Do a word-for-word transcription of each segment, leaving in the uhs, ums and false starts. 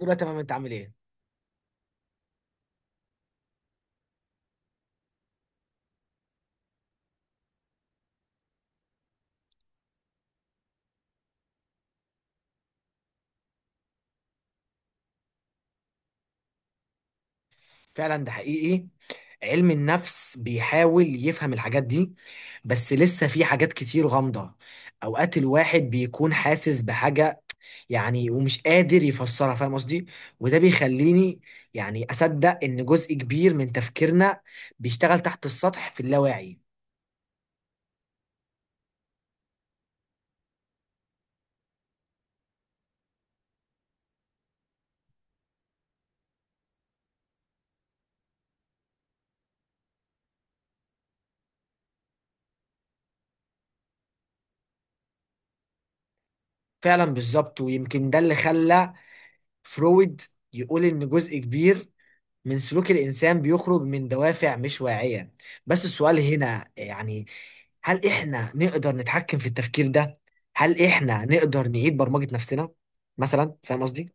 كله تمام، انت عامل ايه؟ فعلا ده حقيقي. علم النفس بيحاول يفهم الحاجات دي، بس لسه في حاجات كتير غامضة. اوقات الواحد بيكون حاسس بحاجة يعني، ومش قادر يفسرها، فاهم قصدي؟ وده بيخليني يعني اصدق ان جزء كبير من تفكيرنا بيشتغل تحت السطح في اللاواعي. فعلا بالظبط، ويمكن ده اللي خلى فرويد يقول ان جزء كبير من سلوك الإنسان بيخرج من دوافع مش واعية. بس السؤال هنا يعني، هل إحنا نقدر نتحكم في التفكير ده؟ هل إحنا نقدر نعيد برمجة نفسنا مثلا؟ فاهم قصدي؟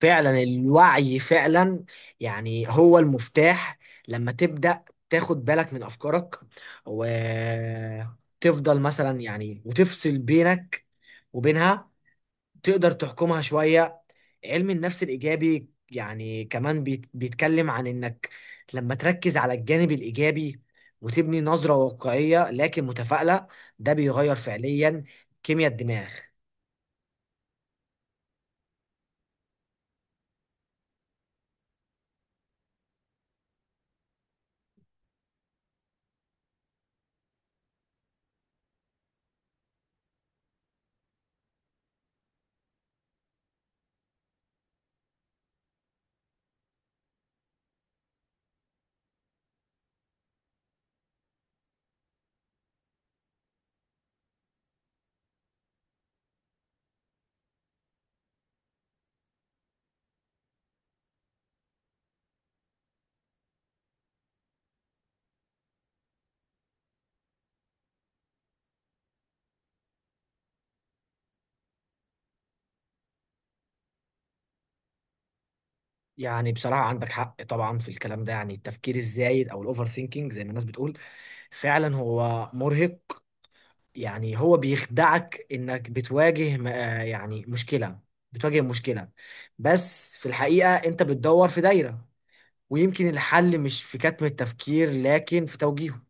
فعلا الوعي فعلا يعني هو المفتاح. لما تبدأ تاخد بالك من أفكارك، وتفضل مثلا يعني وتفصل بينك وبينها، تقدر تحكمها شوية. علم النفس الإيجابي يعني كمان بيت- بيتكلم عن إنك لما تركز على الجانب الإيجابي، وتبني نظرة واقعية لكن متفائلة، ده بيغير فعليا كيمياء الدماغ. يعني بصراحة عندك حق طبعا في الكلام ده. يعني التفكير الزايد أو الأوفر ثينكينج زي ما الناس بتقول فعلا هو مرهق. يعني هو بيخدعك إنك بتواجه م- آه يعني مشكلة بتواجه مشكلة، بس في الحقيقة أنت بتدور في دايرة. ويمكن الحل مش في كتم التفكير لكن في توجيهه.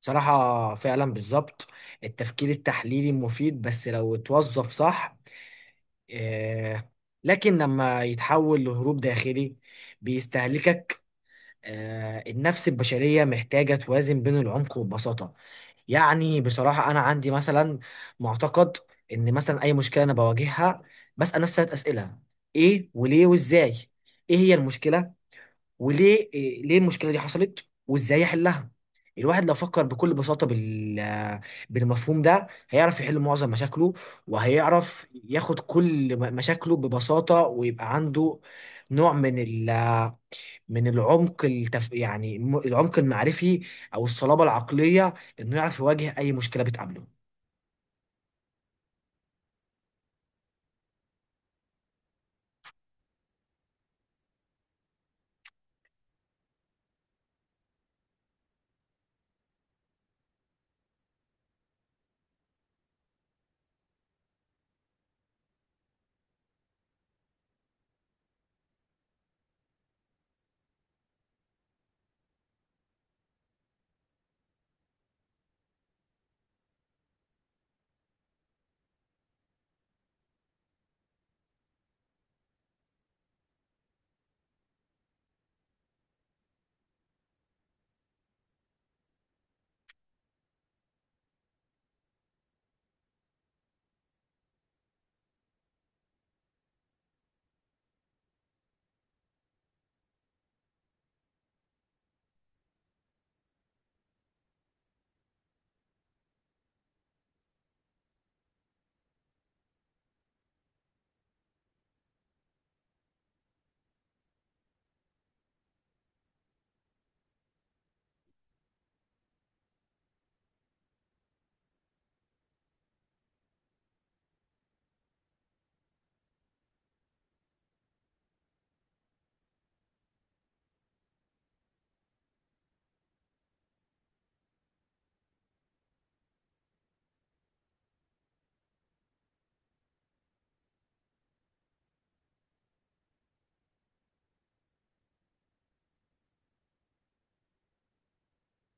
صراحة فعلا بالظبط، التفكير التحليلي مفيد بس لو اتوظف صح. آه، لكن لما يتحول لهروب داخلي بيستهلكك. آه، النفس البشرية محتاجة توازن بين العمق والبساطة. يعني بصراحة أنا عندي مثلا معتقد إن مثلا أي مشكلة أنا بواجهها، بسأل نفسي ثلاث أسئلة: إيه وليه وإزاي. إيه هي المشكلة، وليه إيه- ليه المشكله دي حصلت، وازاي يحلها. الواحد لو فكر بكل بساطه بال، بالمفهوم ده هيعرف يحل معظم مشاكله، وهيعرف ياخد كل م- مشاكله ببساطه، ويبقى عنده نوع من ال، من العمق التف... يعني م- العمق المعرفي او الصلابه العقليه، انه يعرف يواجه اي مشكله بتقابله.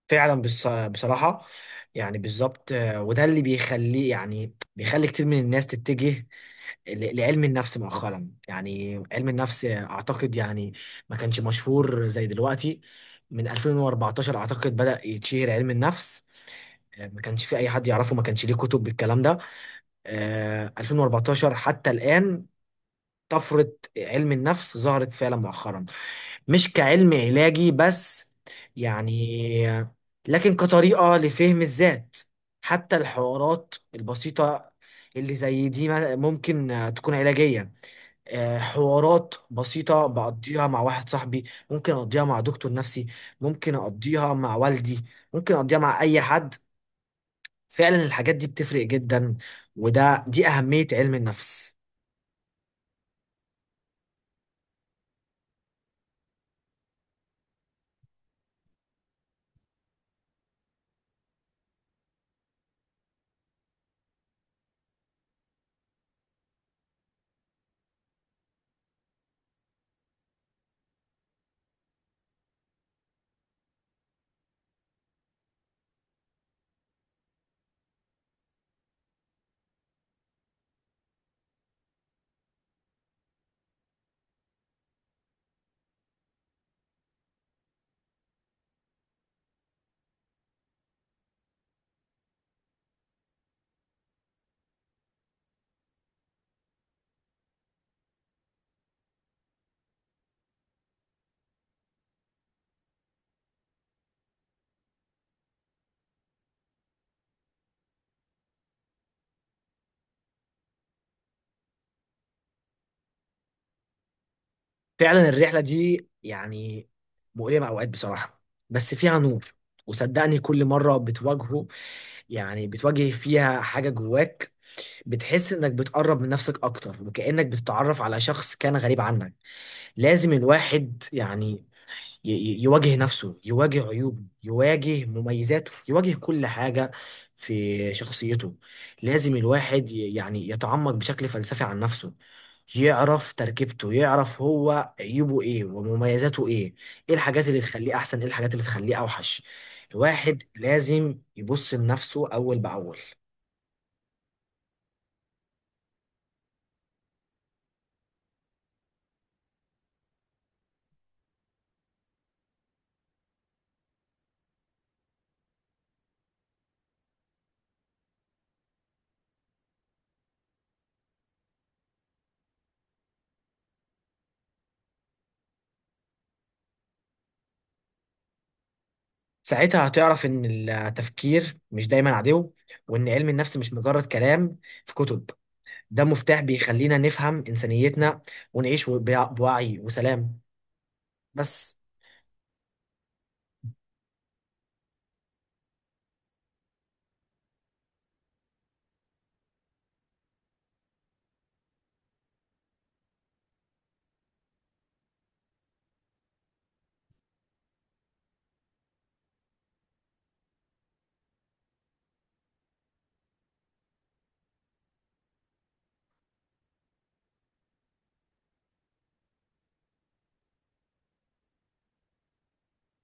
فعلا بص... بصراحه، يعني بالظبط. آه، وده اللي بيخليه يعني بيخلي كتير من الناس تتجه ل- لعلم النفس مؤخرا. يعني علم النفس اعتقد يعني ما كانش مشهور زي دلوقتي. من ألفين وأربعتاشر اعتقد بدأ يتشهر علم النفس. آه، ما كانش في اي حد يعرفه، ما كانش ليه كتب بالكلام ده. آه، ألفين وأربعتاشر حتى الآن طفرة علم النفس ظهرت فعلا مؤخرا، مش كعلم علاجي بس يعني، لكن كطريقة لفهم الذات. حتى الحوارات البسيطة اللي زي دي ممكن تكون علاجية. آه، حوارات بسيطة بقضيها مع واحد صاحبي، ممكن أقضيها مع دكتور نفسي، ممكن أقضيها مع والدي، ممكن أقضيها مع أي حد. فعلا الحاجات دي بتفرق جدا، وده دي أهمية علم النفس. فعلا الرحلة دي يعني مؤلمة أوقات بصراحة، بس فيها نور. وصدقني كل مرة بتواجهه، يعني بتواجه فيها حاجة جواك، بتحس إنك بتقرب من نفسك أكتر، وكأنك بتتعرف على شخص كان غريب عنك. لازم الواحد يعني ي- ي- يواجه نفسه، يواجه عيوبه، يواجه مميزاته، يواجه كل حاجة في شخصيته. لازم الواحد ي- يعني يتعمق بشكل فلسفي عن نفسه، يعرف تركيبته، يعرف هو عيوبه ايه ومميزاته ايه، ايه الحاجات اللي تخليه احسن ايه الحاجات اللي تخليه اوحش. الواحد لازم يبص لنفسه اول باول. ساعتها هتعرف ان التفكير مش دايما عدو، وان علم النفس مش مجرد كلام في كتب، ده مفتاح بيخلينا نفهم إنسانيتنا ونعيش بوعي وسلام. بس